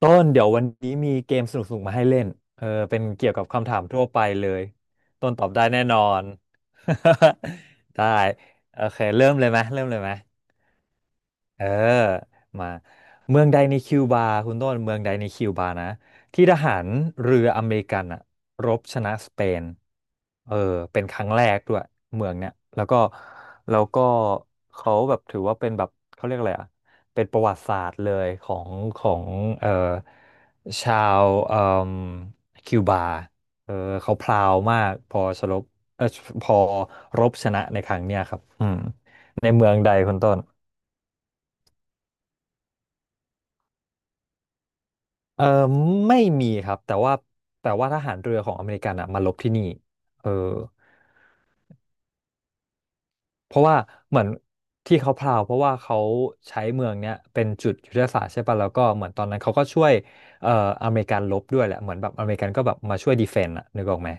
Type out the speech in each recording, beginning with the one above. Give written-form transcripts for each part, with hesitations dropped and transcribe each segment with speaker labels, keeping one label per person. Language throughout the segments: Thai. Speaker 1: ต้นเดี๋ยววันนี้มีเกมสนุกๆมาให้เล่นเป็นเกี่ยวกับคำถามทั่วไปเลยต้นตอบได้แน่นอน ได้โอเคเริ่มเลยไหมเริ่มเลยไหม เออมาเมืองใดในคิวบาคุณต้นเมืองใดในคิวบานะที่ทหารเรืออเมริกันอะรบชนะสเปนเออเป็นครั้งแรกด้วยเมืองเนี้ยแล้วก็แล้วก็เขาแบบถือว่าเป็นแบบเขาเรียกอะไรอะเป็นประวัติศาสตร์เลยของเออชาวคิวบาเออเขาพลาวมากพอชลบเออพอรบชนะในครั้งเนี้ยครับอืมในเมืองใดคุณต้น เออไม่มีครับแต่ว่าทหารเรือของอเมริกันอ่ะมาลบที่นี่เออเพราะว่าเหมือนที่เขาพราวเพราะว่าเขาใช้เมืองเนี้ยเป็นจุดยุทธศาสตร์ใช่ป่ะแล้วก็เหมือนตอนนั้นเขาก็ช่วยเอ่ออเมริกันลบด้วยแหละเหมือนแบบอเมริกันก็แบบมาช่วยดีเฟนต์อ่ะนึกออกไหม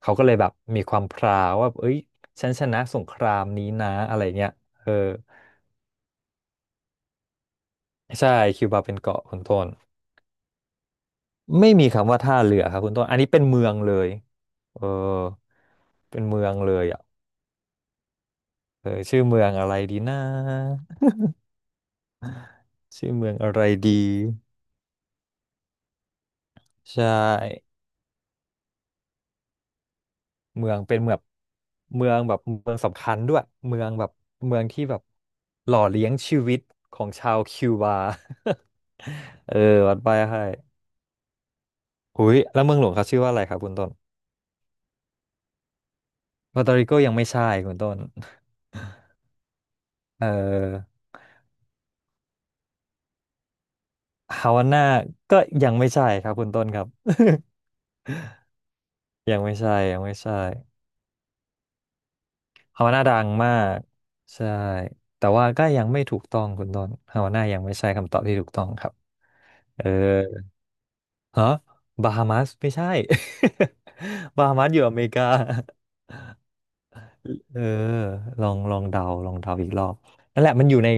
Speaker 1: เขาก็เลยแบบมีความพราวว่าเอ้ยฉันชนะสงครามนี้นะอะไรเงี้ยเออใช่คิวบาเป็นเกาะคุณต้นไม่มีคำว่าท่าเรือครับคุณต้นอันนี้เป็นเมืองเลยเออเป็นเมืองเลยอ่ะ ชื่อเมืองอะไรดีนะชื่อเมืองอะไรดีใช่เมืองเป็นเมืองเมืองแบบเมืองสำคัญด้วยเมืองแบบเมืองที่แบบหล่อเลี้ยงชีวิตของชาวคิวบา เออวัดไปให้หุยแล้วเมืองหลวงเขาชื่อว่าอะไรครับคุณต้นปาตาริโกยังไม่ใช่คุณต้นเออฮาวาน่าก็ยังไม่ใช่ครับคุณต้นครับ ยังไม่ใช่ยังไม่ใช่ ฮาวาน่าดังมากใช่แต่ว่าก็ยังไม่ถูกต้องคุณต้นฮาวาน่ายังไม่ใช่คำตอบที่ถูกต้องครับเออฮะบาฮามัสไม่ใช่ บาฮามัสอยู่อเมริกาเออลองเดาลองเดาอีกรอบนั่นแหละมันอยู่ใน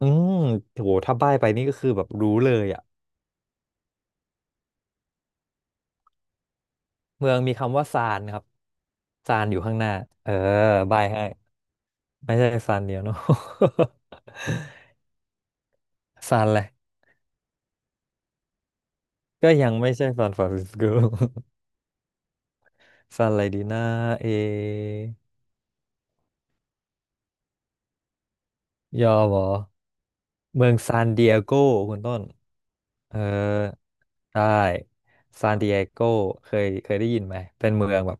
Speaker 1: อืมโหถ้าใบ้ไปนี่ก็คือแบบรู้เลยอ่ะเมืองมีคำว่าซานครับซานอยู่ข้างหน้าเออใบ้ให้ไม่ใช่ซานเดียวเนาะ ซานอะไรก็ยังไม่ใช่ซานฟรานซิสโก ซันอะไรดีนะเอยอมเหรอเมืองซานดิเอโกคุณต้น เออใช่ซานดิเอโกเคยเคยได้ยินไหม เป็นเมืองแบบ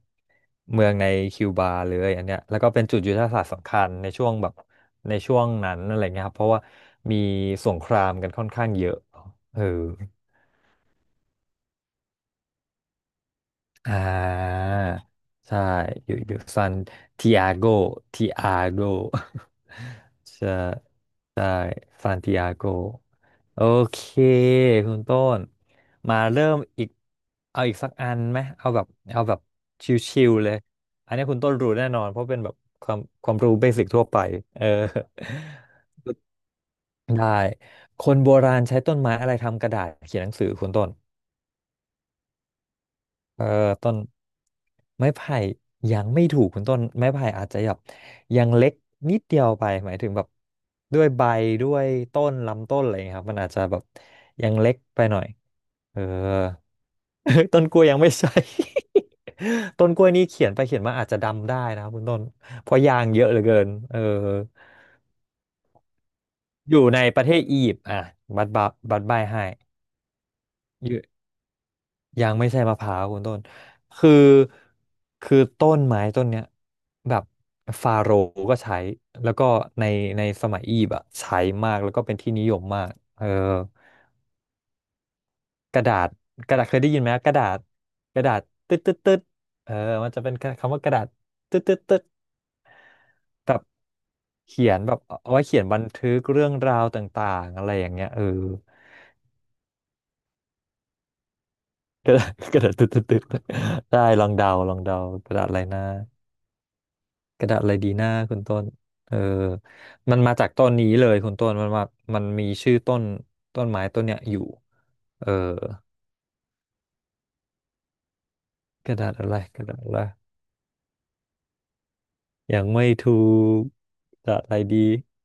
Speaker 1: เมืองในคิวบาเลยอันเนี้ยแล้วก็เป็นจุดยุทธศาสตร์สำคัญในช่วงแบบในช่วงนั้นอะไรเงี้ยครับ เพราะว่ามีสงครามกันค่อนข้างเยอะ เออ อ่าใช่ อยู่ซันทิอาโกทิอาโก ใช่ ซานติอาโกโอเคคุณต้นมาเริ่มอีกเอาอีกสักอันไหมเอาแบบเอาแบบชิวๆเลยอันนี้คุณต้นรู้แน่นอนเพราะเป็นแบบความรู้เบสิกทั่วไปเออ ได้คนโบราณใช้ต้นไม้อะไรทำกระดาษเขียนหนังสือคุณต้น เออต้นไม้ไผ่ยังไม่ถูกคุณต้นไม้ไผ่อาจจะแบบยังเล็กนิดเดียวไปหมายถึงแบบด้วยใบด้วยต้นลำต้นอะไรอย่างเงี้ยครับมันอาจจะแบบยังเล็กไปหน่อยเออ ต้นกล้วยยังไม่ใช่ ต้นกล้วยนี่เขียนไปเขียนมาอาจจะดำได้นะครับคุณต้นเพราะยางเยอะเหลือเกินอยู่ในประเทศอียิปต์อ่ะบัดบัดบัดใบให้อยู่ ยังไม่ใช่มะพร้าวคุณต้นคือคือต้นไม้ต้นเนี้ยแบบฟาโรห์ก็ใช้แล้วก็ในในสมัยอียิปต์อะใช้มากแล้วก็เป็นที่นิยมมากกระดาษกระดาษเคยได้ยินไหมกระดาษกระดาษตึ๊ดตึ๊ดตึ๊ดเออมันจะเป็นคำว่ากระดาษตึ๊ดตึ๊ดตึ๊ดแบบเขียนแบบเอาไว้เขียนบันทึกเรื่องราวต่างๆอะไรอย่างเงี้ย กระดาษกระดาษตึ๊ดตึ๊ดตึ๊ดได้ลองเดาลองเดากระดาษอะไรนะ กระดาษอะไรดีหน้าคุณต้นเออมันมาจากต้นนี้เลยคุณต้นมันมามันมีชื่อต้นต้นไม้ต้นเนี้ยอยู่เออกระดาษอะไรกระดาษอะไรยังไม่ถูกกระดาษอะไรดี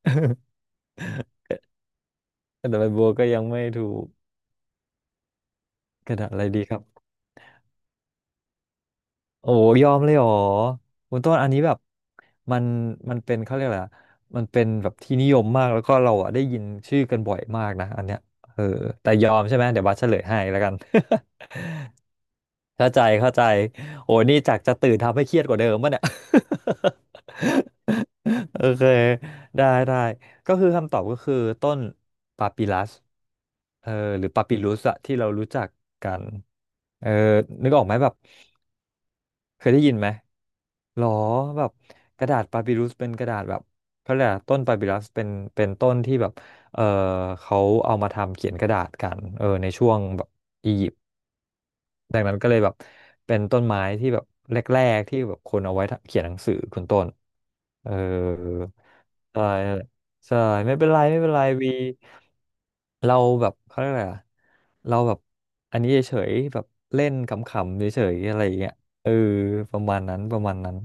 Speaker 1: กระดาษ ใบบัวก็ยังไม่ถูกกระดาษอะไรดีครับโอ้ยอมเลยเหรอคุณต้นอันนี้แบบมันมันเป็นเขาเรียกอะไรอะมันเป็นแบบที่นิยมมากแล้วก็เราอ่ะได้ยินชื่อกันบ่อยมากนะอันเนี้ยเออแต่ยอมใช่ไหมเดี๋ยวบัสเฉลยให้แล้วกัน เข้าใจเข้าใจโอ้นี่จากจะตื่นทำให้เครียดกว่าเดิมป่ะเนี่ย โอเคได้ได้ก็คือคำตอบก็คือต้นปาปิลัสเออหรือปาปิลุสอะที่เรารู้จักกันเออนึกออกไหมแบบเคยได้ยินไหมหรอแบบกระดาษปาปิลุสเป็นกระดาษแบบเขาเรียกอะไรต้นปาปิลัสเป็นเป็นต้นที่แบบเออเขาเอามาทำเขียนกระดาษกันในช่วงแบบอียิปต์ จากนั้นก็เลยแบบเป็นต้นไม้ที่แบบแรกๆที่แบบคนเอาไว้เขียนหนังสือคุณต้นเออใช่ใช่ไม่เป็นไรไม่เป็นไรวีเราแบบเขาเรียกอะไรอะเราแบบอันนี้เฉยๆแบบเล่นขำๆเฉยๆอะไรอย่างเงี้ยเออประมาณนั้นประมาณนั้น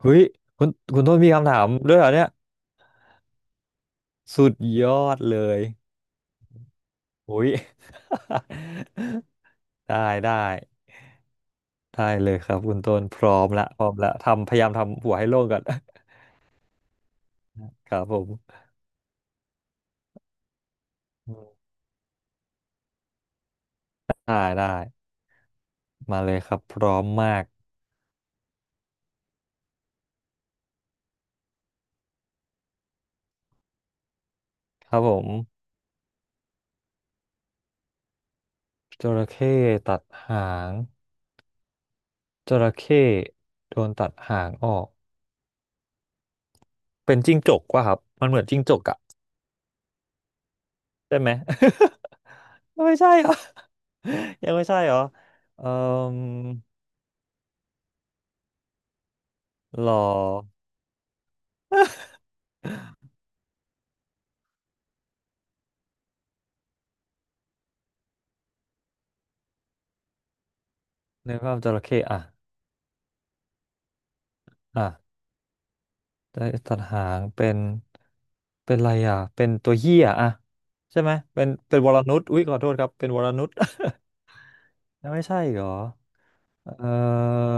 Speaker 1: เฮ้ยคุณคุณต้นมีคำถามด้วยเหรอเนี่ยสุดยอดเลยโอ้ย ได้ได้ ได้เลยครับคุณต้นพร้อมละพร้อมละทำพยายามทำหัวให้โล่งก่อน ครับผมอืมได้ได้มาเลยครับพร้อมมากครับผมจระเข้ตัดหางจระเข้โดนตัดหางออกเป็นจิ้งจกว่ะครับมันเหมือนจิ้งจกอะใช่ไหม ไม่ใช่เหรอ ยังไม่ใช่เหรอเอ่อหรอในภาพจระเข้อะอ่ะ ได้ตัดหางเป็นเป็นอะไรอ่ะเป็นตัวเหี้ยอ่ะใช่ไหมเป็นเป็นวรนุชอุ้ยขอโทษครับเป็นวรนุช แล้ว ไม่ใช่เหรอเอ่อ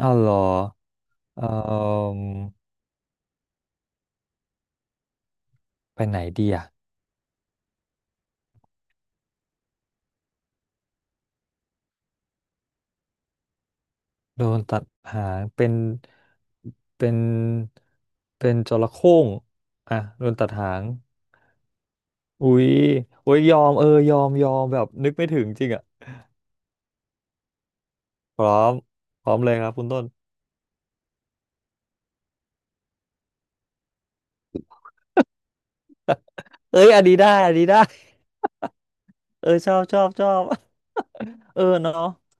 Speaker 1: อ้าวเหรอเอ่อไปไหนดีอ่ะโดนตัดหางเป็นเป็นเป็นจระเข้งอ่ะโดนตัดหางอุ้ยอุ้ยยอมเออยอมยอมแบบนึกไม่ถึงจริงอ่ะพร้อมพร้อมเลยครับคุณต้นเอ้ยอันนี้ได้อันนี้ได้ เออชอบชอบชอบ เออเนาะ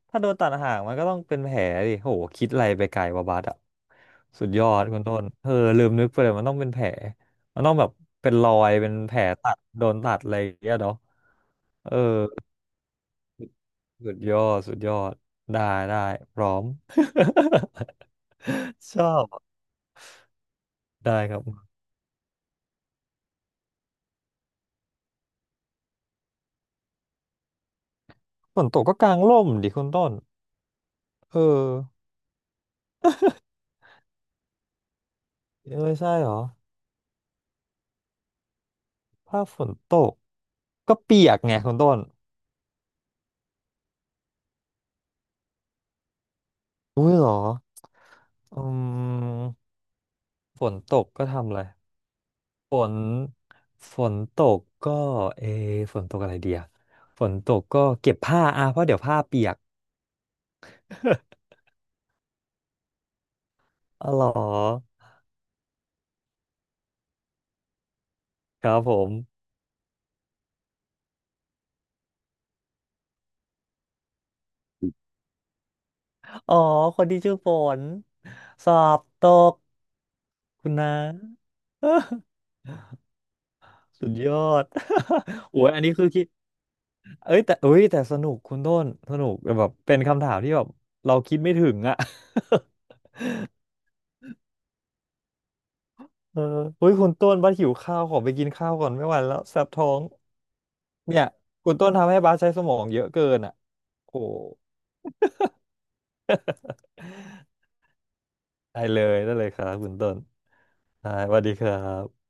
Speaker 1: ถ้าโดนตัดหางมันก็ต้องเป็นแผลดิโหคิดอะไรไปไกลวะบัสอ่ะสุดยอดคุณต้นเออลืมนึกไปเลยมันต้องเป็นแผลมันต้องแบบเป็นรอยเป็นแผลตัดโดนตัดอะไรอย่างเงี้ยเนาะเออสุดยอดสุดยอดได้ได้พร้อม ชอบได้ครับฝนตกก็กางร่มดิคุณต้นเออเออใช่เหรอถ้าฝนตกก็เปียกไงคุณต้นอุ้ยเหรอ อืมฝนตกก็ทำอะไรฝนฝนตกก็เอะฝนตกอะไรเดียฝนตกก็เก็บผ้าอ่ะเพราะเดี๋ยวผ้าเปียก อ๋อเหรอครับผมอ๋อคนที่ชื่อฝนสอบตกคุณนะ สุดยอด โอ้ยอันนี้คือคิดเอ้ยแต่เอ้ยแต่สนุกคุณต้นสนุกแบบเป็นคำถามที่แบบเราคิดไม่ถึงอะ เอออุ้ยคุณต้นบัสหิวข้าวขอไปกินข้าวก่อนไม่ไหวแล้วแสบท้องเนี่ยคุณต้นทำให้บัสใช้สมองเยอะเกินอ่ะโอ้ได้เลยได้เลยครับคุณต้นได้สวัสดีครับ